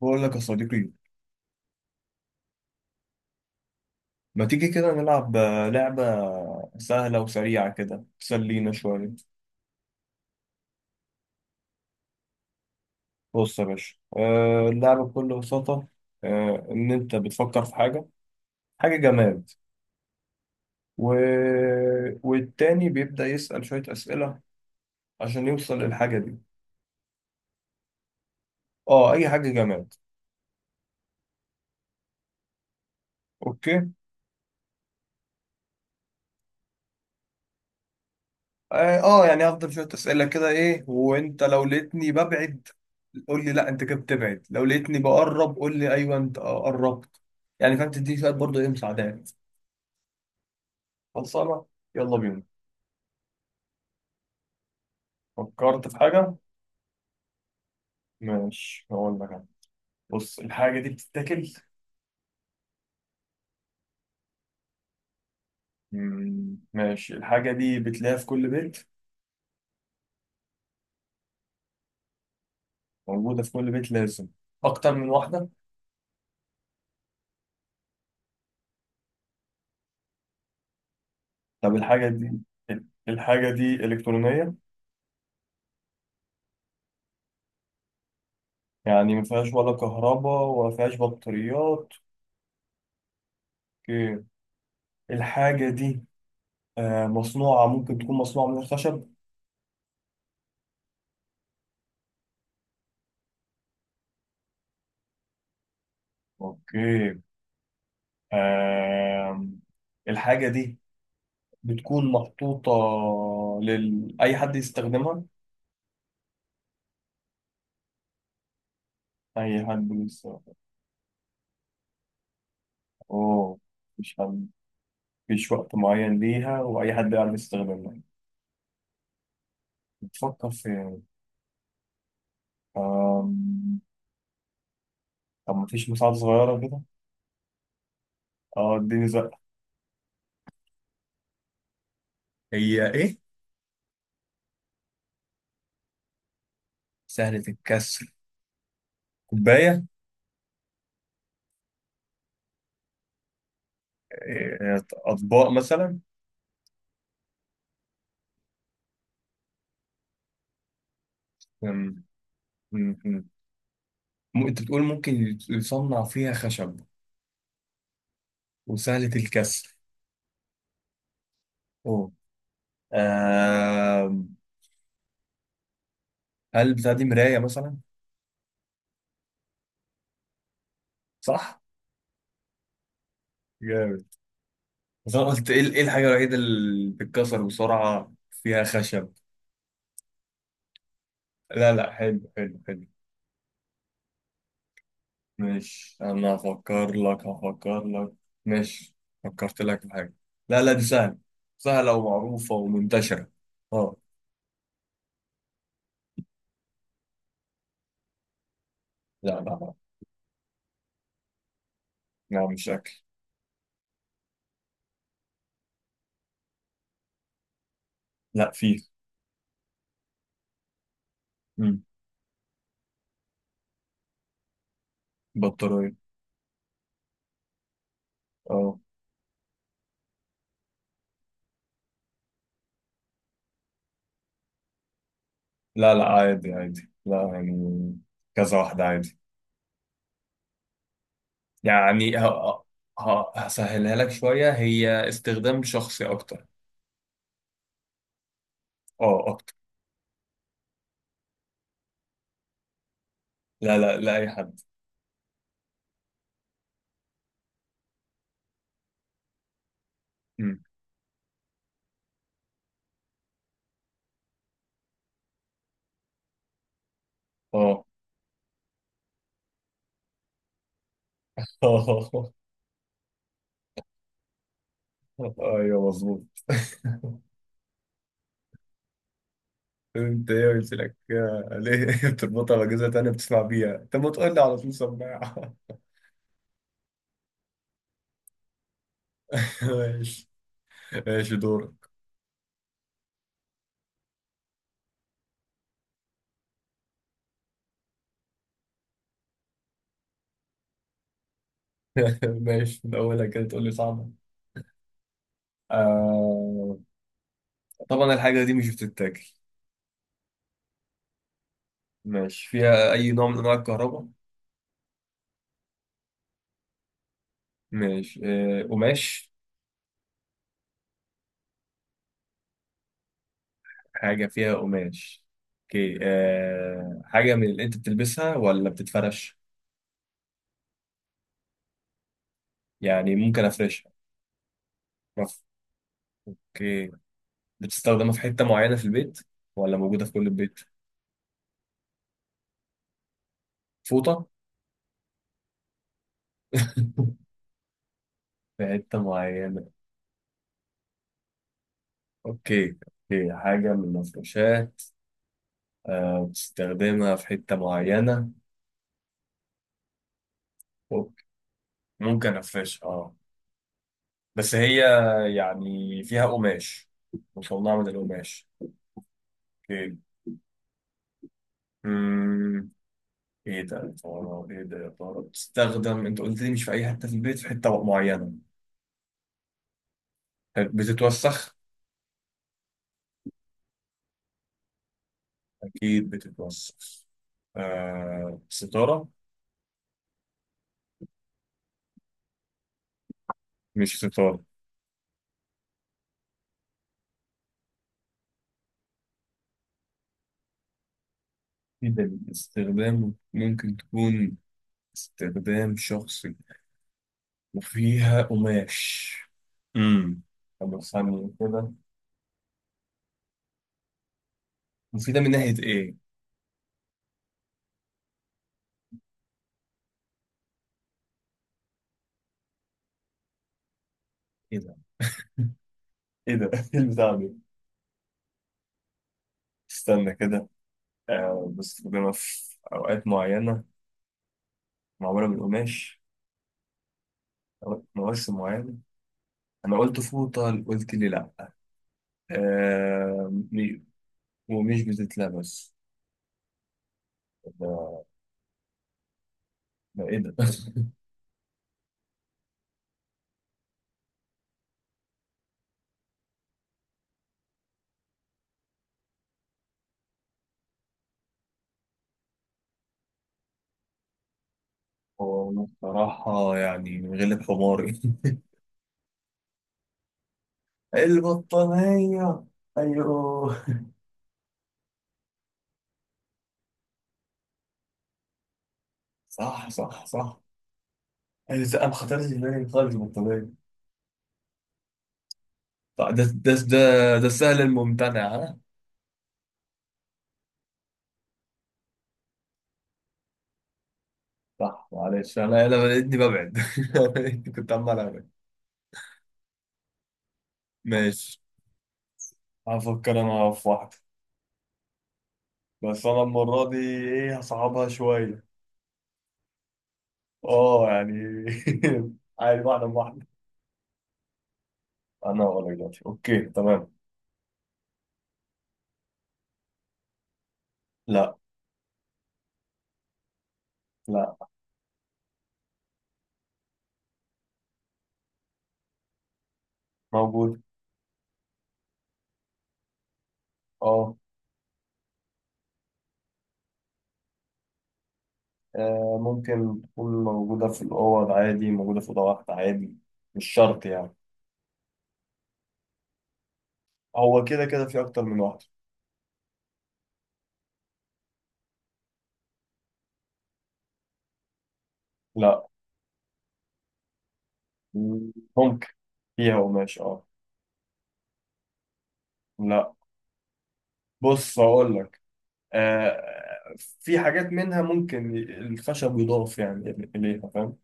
بقول لك يا صديقي، ما تيجي كده نلعب لعبة سهلة وسريعة كده تسلينا شوية. بص يا باشا، اللعبة بكل بساطة إن أنت بتفكر في حاجة، حاجة جماد. و... والتاني بيبدأ يسأل شوية أسئلة عشان يوصل للحاجة دي. اه، أي حاجة جماد. أوكي. اه، يعني هفضل شوية أسئلة كده إيه، وأنت لو لقيتني ببعد قول لي لا أنت كده بتبعد، لو لقيتني بقرب قول لي أيوه أنت قربت، يعني فاهم؟ تديني شوية برضه إيه مساعدات. خلصانة. يلا بينا. فكرت في حاجة؟ ماشي هقول لك أنا. بص، الحاجة دي بتتاكل؟ مم، ماشي. الحاجة دي بتلاقيها في كل بيت. موجودة في كل بيت لازم أكتر من واحدة. طب الحاجة دي، الحاجة دي إلكترونية؟ يعني ما فيهاش ولا كهرباء ولا فيهاش بطاريات. أوكي. الحاجة دي مصنوعة، ممكن تكون مصنوعة من الخشب. أوكي. آم، الحاجة دي بتكون محطوطة لل أي حد يستخدمها. أي حد يستخدمها. أوه، مش حد، مفيش وقت معين ليها وأي حد يعرف يستخدمها. بتفكر في إيه؟ آم، طب مفيش مساعدة صغيرة كده؟ أه اديني زقة. هي إيه؟ سهلة الكسر؟ كوباية. إيه، أطباق مثلا؟ أم، أم، أم. أنت بتقول ممكن يصنع فيها خشب وسهلة الكسر. أوه. آم، هل بتاع دي مراية مثلا؟ صح؟ جامد. بس انا قلت ايه، إيه الحاجه الوحيده اللي بتتكسر بسرعه فيها خشب؟ لا لا، حلو حلو حلو. ماشي، انا هفكر لك، هفكر لك. ماشي. فكرت لك في حاجه. لا لا، دي سهله، سهله ومعروفه ومنتشره. اه. لا لا لا. لا، مش اكل. لا، فيه. مم. بطاريه. اه. لا لا، عادي عادي. لا يعني، كذا واحده عادي. يعني هسهلها لك شويه، هي استخدام شخصي اكتر. اه، اكتر. لا لا لا، اي حد. اه. ايوه مظبوط. انت ايه قلت لك ليه بتربطها باجهزه تانية بتسمع بيها، انت ما تقول لي على طول سماعه؟ ماشي. ماشي دورك. ماشي، من اولها كده تقول لي صعبه. آه... طبعا الحاجه دي مش بتتاكل. ماشي. فيها اي نوع من انواع الكهرباء؟ ماشي. قماش. حاجه فيها قماش. اوكي. حاجه من اللي انت بتلبسها ولا بتتفرش؟ يعني ممكن افرشها. اوكي. بتستخدمها في حتة معينة في البيت ولا موجودة في كل البيت؟ فوطة. في حتة معينة. اوكي. اوكي، حاجة من المفروشات بتستخدمها في حتة معينة. أوكي. ممكن أفرش، اه. بس هي يعني فيها قماش، مصنعة من القماش. اوكي. أمم، ايه ده يا ترى، ايه ده يا ترى؟ بتستخدم، انت قلت لي مش في اي حتة في البيت، في حتة معينة. حلو. بتتوسخ؟ اكيد بتتوسخ. آه ستارة. مش ستارة. جدا استخدام، ممكن تكون استخدام شخصي وفيها قماش. امم طب استنى كده. مفيدة من ناحية إيه؟ إيه ده؟ إيه ده؟ إيه البتاع دي؟ استنى كده. آه بستخدمها في أوقات معينة، معمولة من قماش. مواسم معينة. أنا قلت فوطة قلت لي لأ. آه م- ومش بتتلبس. ده، ده إيه ده؟ هو أنا بصراحة يعني غلب حماري. البطانية. أيوه. صح صح صح. أيوة لا، ما خطرش في بالي خالص البطانية. صح، ده ده ده ده السهل الممتنع ها. صح معلش، أنا لقيتني ببعد. كنت عمال أبعد. ماشي. هفكر أنا في واحدة. بس أنا المرة دي إيه هصعبها شوية. أه يعني. عادي، واحدة بواحدة. أنا هقول لك دلوقتي. أوكي تمام. لا. لا. موجود. أه، ممكن تكون موجودة في الأوض عادي، موجودة في أوضة واحدة عادي. مش شرط يعني. هو كده كده في أكتر من واحدة. لا. ممكن. فيها قماش، أه. لا. بص هقول لك، آه في حاجات منها ممكن الخشب يضاف يعني إليها، فاهم؟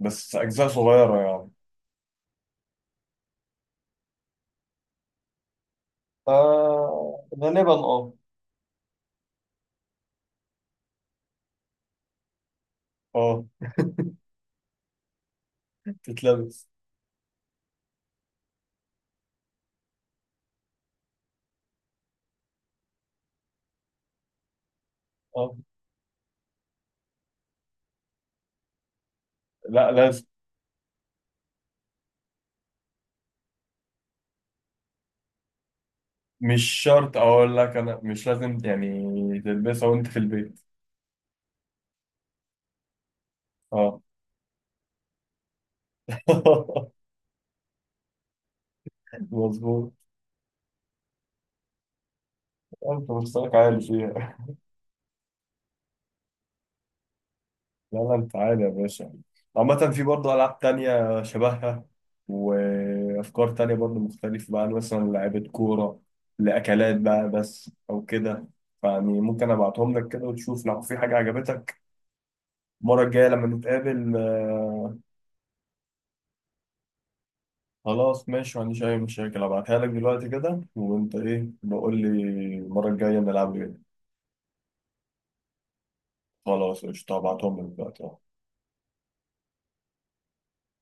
بس أجزاء صغيرة يعني. آه غالبا أه. أه تتلبس أه. لا، لازم. مش شرط، أقول لك أنا مش لازم يعني تلبسها وأنت في البيت. أه مظبوط. انت مستواك عالي فيها. لا لا، انت عالي يا باشا. عامة في برضه ألعاب تانية شبهها وأفكار تانية برضه مختلفة بقى، مثلا لعيبة كورة، لأكلات بقى بس أو كده. فيعني ممكن أبعتهم لك كده وتشوف لو في حاجة عجبتك المرة الجاية لما نتقابل. خلاص ماشي، ما عنديش أي مشاكل. أبعتها لك دلوقتي كده وأنت إيه بقول لي المرة الجاية نلعب إيه. خلاص قشطة، هبعتهم لك دلوقتي أهو.